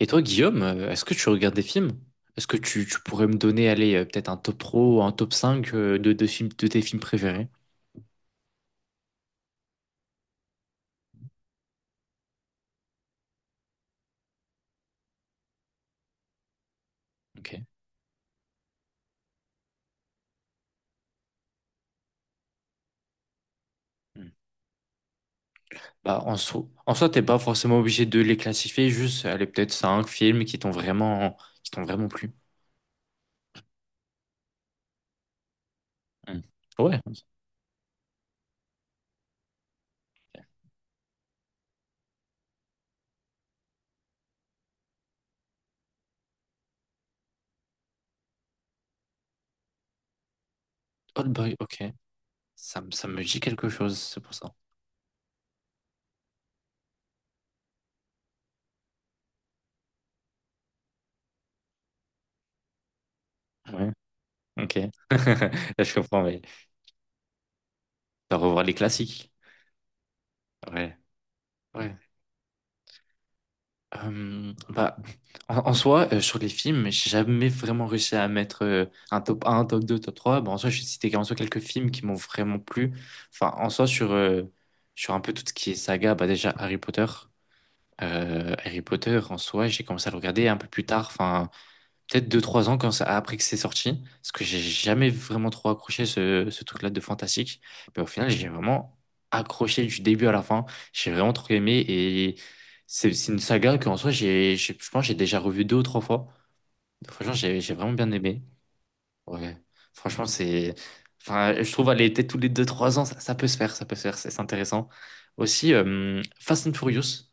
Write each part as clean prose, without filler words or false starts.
Et toi, Guillaume, est-ce que tu regardes des films? Est-ce que tu pourrais me donner, allez, peut-être un top pro, un top 5 de films, de tes films préférés? Ok. Hmm. Bah, en soi, t'es pas forcément obligé de les classifier, juste, allez, peut-être 5 films qui qui t'ont vraiment plu. Hmm. Ouais. Old Boy, ok. Ça me dit quelque chose, c'est pour ça. Ouais. Ok. Là, je comprends, mais t'as revoir les classiques. Ouais. Ouais. Bah, en soi, sur les films, j'ai jamais vraiment réussi à mettre un top 2 top trois. Bon, en soi, je vais citer en soi quelques films qui m'ont vraiment plu. Enfin, en soi, sur un peu tout ce qui est saga, bah, déjà Harry Potter. Harry Potter, en soi, j'ai commencé à le regarder un peu plus tard. Enfin, peut-être deux trois ans quand ça, après que c'est sorti, parce que j'ai jamais vraiment trop accroché ce truc-là de fantastique. Mais au final, j'ai vraiment accroché du début à la fin. J'ai vraiment trop aimé et c'est une saga qu'en soi, je pense que j'ai déjà revu deux ou trois fois. Donc, franchement, j'ai vraiment bien aimé. Ouais, franchement, c'est. Enfin, je trouve aller était tous les deux trois ans, ça peut se faire, ça peut se faire, c'est intéressant. Aussi, Fast and Furious.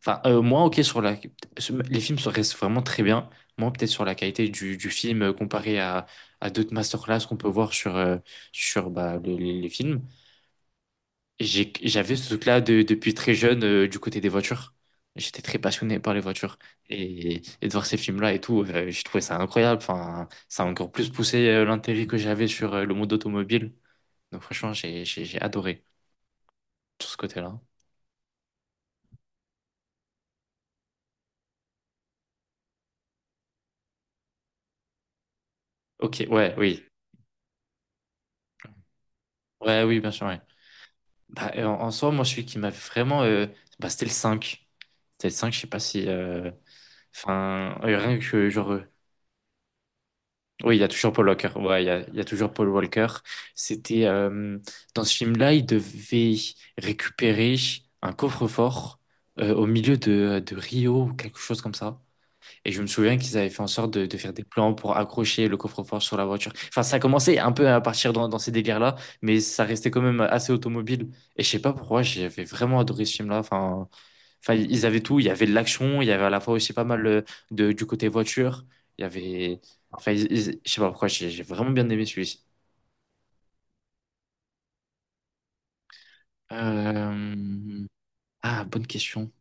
Enfin, moi, ok, sur la... sur- les films se restent vraiment très bien. Moi, peut-être sur la qualité du film comparé à d'autres masterclass qu'on peut voir sur bah, les films. J'avais ce truc-là de- depuis très jeune du côté des voitures. J'étais très passionné par les voitures. Et de voir ces films-là et tout, je trouvais ça incroyable. Enfin, ça a encore plus poussé l'intérêt que j'avais sur le monde automobile. Donc franchement, j'ai adoré tout ce côté-là. Ok, ouais, oui. Ouais, oui, bien sûr, ouais. Bah, en soi, moi, celui qui m'avait vraiment... bah, c'était le cinq. C'était le cinq, je sais pas si... Enfin, rien que genre... Oui, il y a toujours Paul Walker. Ouais, il y a toujours Paul Walker. C'était dans ce film-là, il devait récupérer un coffre-fort au milieu de Rio ou quelque chose comme ça. Et je me souviens qu'ils avaient fait en sorte de faire des plans pour accrocher le coffre-fort sur la voiture. Enfin, ça commençait un peu à partir dans ces délires-là, mais ça restait quand même assez automobile. Et je sais pas pourquoi, j'avais vraiment adoré ce film-là. Enfin, enfin, ils avaient tout. Il y avait de l'action, il y avait à la fois aussi pas mal du côté voiture. Il y avait. Enfin, je sais pas pourquoi, j'ai vraiment bien aimé celui-ci. Euh, Ah, bonne question.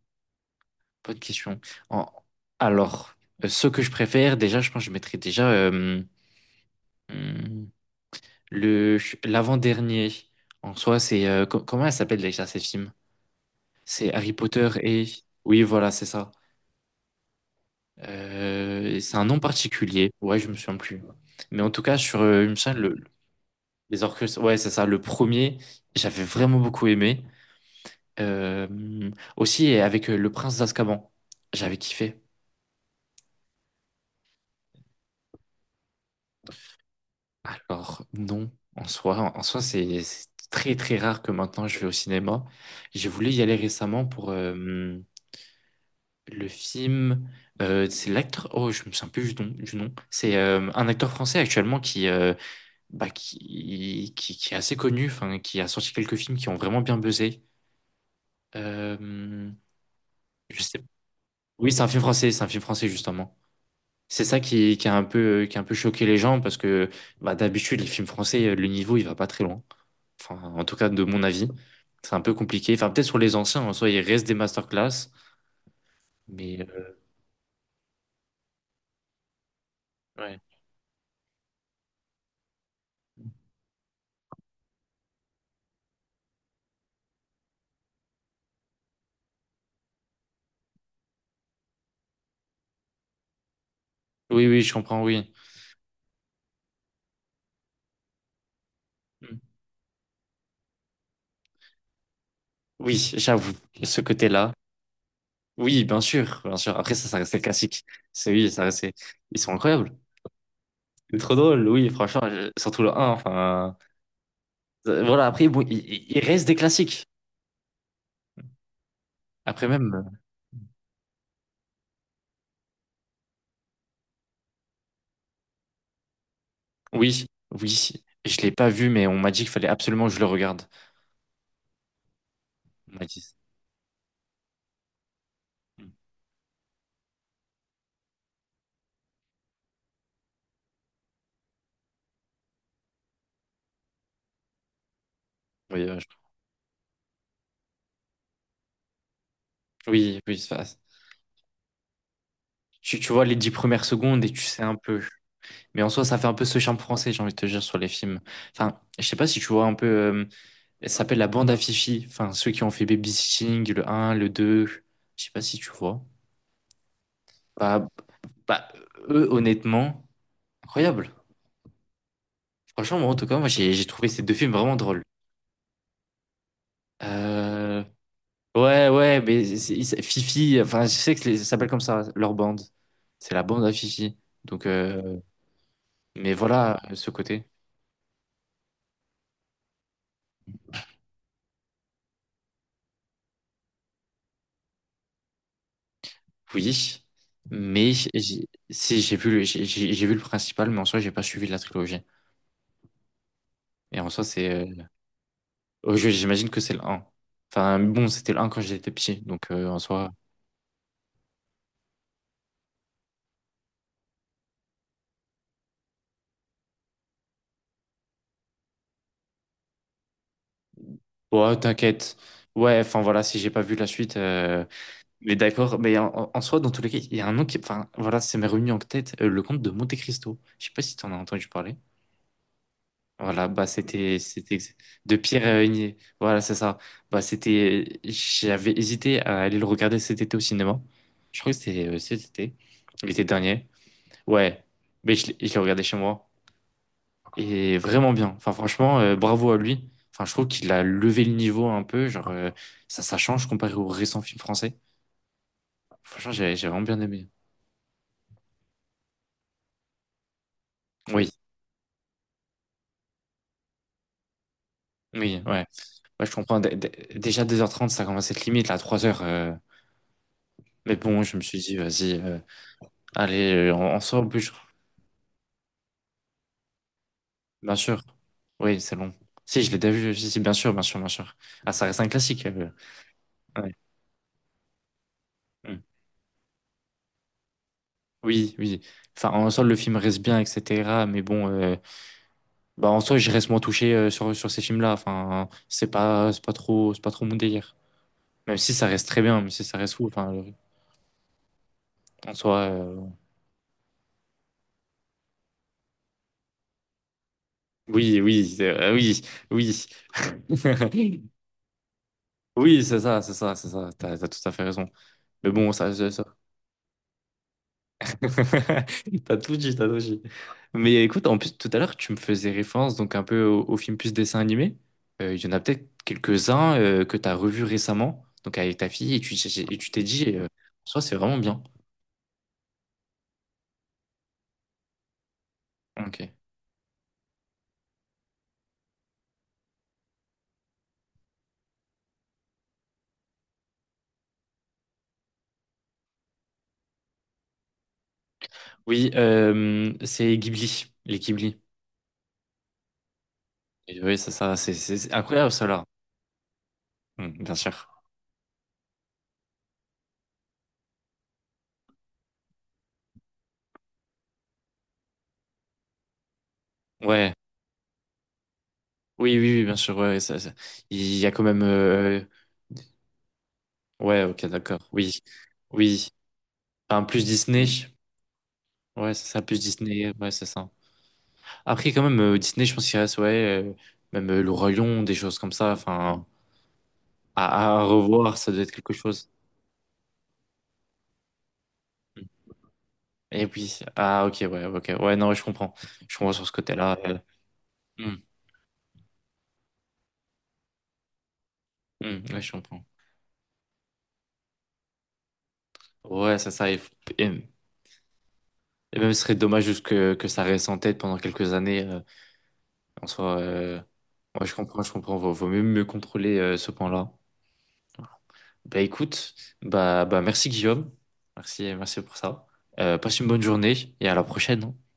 Bonne question. En- Alors, ce que je préfère, déjà, je pense que je mettrais déjà hum, le l'avant-dernier. En soi, c'est. Comment elle s'appelle déjà ces films? C'est Harry Potter et. Oui, voilà, c'est ça. C'est un nom particulier. Ouais, je me souviens plus. Mais en tout cas, il me semble, le, Les Orcus, ouais, c'est ça. Le premier, j'avais vraiment beaucoup aimé. Euh, aussi avec Le Prince d'Azkaban, j'avais kiffé. Alors, non, en soi, c'est très très rare que maintenant je vais au cinéma. J'ai voulu y aller récemment pour le film. C'est l'acteur. Oh, je me souviens plus du nom. Du nom. C'est un acteur français actuellement qui, bah, qui est assez connu, enfin, qui a sorti quelques films qui ont vraiment bien buzzé. Euh, je sais. Oui, c'est un film français, c'est un film français justement. C'est ça qui a un peu, qui a un peu choqué les gens parce que bah, d'habitude, les films français, le niveau, il va pas très loin. Enfin, en tout cas, de mon avis, c'est un peu compliqué. Enfin, peut-être sur les anciens, en soi, il reste des masterclass, mais ouais. Oui, oui, je comprends, oui. Mm. Oui, j'avoue, ce côté-là. Oui, bien sûr, bien sûr. Après, ça restait classique. C'est oui, ça restait. Ils sont incroyables. C'est trop drôle, oui, franchement, je- surtout le un. Enfin. Voilà, après, bon, il reste des classiques. Après même. Oui, oui. Et je l'ai pas vu, mais on m'a dit qu'il fallait absolument que je le regarde. On m'a dit. Ça. Oui, oui, oui. ça- Tu vois les dix premières secondes et tu sais un peu. Mais en soi, ça fait un peu ce charme français, j'ai envie de te dire, sur les films. Enfin, je sais pas si tu vois un peu. Elle s'appelle la bande à Fifi. Enfin, ceux qui ont fait Babysitting, le un, le 2. Je sais pas si tu vois. Bah, bah, eux, honnêtement, incroyable. Franchement, moi, en tout cas, moi, j'ai trouvé ces deux films vraiment drôles. Euh, Ouais, ouais, mais Fifi, enfin, je sais que c'est- ça s'appelle comme ça, leur bande. C'est la bande à Fifi. Donc, mais voilà, ce côté. Oui, mais si j'ai vu, j'ai vu le principal, mais en soi, j'ai pas suivi la trilogie. Et en soi, oh, j'imagine que c'est le un. Enfin, bon, c'était le un quand j'étais petit, donc en soi, ouais, t'inquiète. Ouais, enfin voilà, si j'ai pas vu la suite, mais d'accord, mais soi, dans tous les cas, il y a un nom qui. Enfin, voilà, c'est m'est revenu en tête, le comte de Monte Cristo. Je sais pas si tu en as entendu parler. Voilà, bah c'était. C'était de Pierre Igné. Voilà, c'est ça. Bah c'était. J'avais hésité à aller le regarder cet été au cinéma. Je crois que c'était cet été, l'été dernier. Ouais, mais je l'ai regardé chez moi. Et vraiment bien. Enfin, franchement, bravo à lui. Enfin, je trouve qu'il a levé le niveau un peu. Genre, ça change comparé aux récents films français. Franchement, j'ai vraiment bien aimé. Oui. Oui, ouais. Ouais, je comprends. Déjà deux heures trente, ça commence à être limite, là, trois heures, mais bon, je me suis dit, vas-y, allez, euh, on sort au bûche. Bien sûr. Oui, c'est long. Si, je l'ai déjà vu. Si, si, bien sûr, bien sûr, bien sûr. Ah, ça reste un classique. Ouais. Mm. Oui, oui. Enfin, en soi, le film reste bien, etc. Mais bon, bah, en soi, je reste moins touché euh, sur ces films-là. Enfin, c'est pas trop mon délire. Même si ça reste très bien, même si ça reste fou. Enfin, le- en soi, oui, oui, oui. Oui, c'est ça, c'est ça, c'est ça. T'as tout à fait raison. Mais bon, ça. T'as tout dit, t'as tout dit. Mais écoute, en plus, tout à l'heure, tu me faisais référence donc un peu au film plus dessin animé. Il y en a peut-être quelques-uns que t'as revus récemment, donc avec ta fille, et tu t'es dit, soit c'est vraiment bien. Ok. Oui, c'est Ghibli, les Ghibli. Et oui, c'est ça, c'est incroyable, ça, là. Hmm, bien sûr. Ouais. Oui, oui, oui, bien sûr. Ouais, ça- ça- il y a quand même. Ouais, ok, d'accord. Oui, oui. Enfin, plus Disney. Ouais, c'est ça, plus Disney. Ouais, c'est ça. Après, quand même, Disney, je pense qu'il reste, ouais, même Le Roi Lion, des choses comme ça. Enfin, à revoir, ça doit être quelque chose. Mm. Et puis, ah, ok, ouais, ok. Ouais, non, ouais, je comprends. Je comprends sur ce côté-là. Hum, ouais, je comprends. Ouais, c'est ça. Et- et même, ce serait dommage juste que ça reste en tête pendant quelques années. En soi, ouais, je comprends, je comprends. Vaut mieux, mieux contrôler ce point-là. Bah écoute, bah merci Guillaume. Merci, merci pour ça. Passe une bonne journée et à la prochaine. Hein.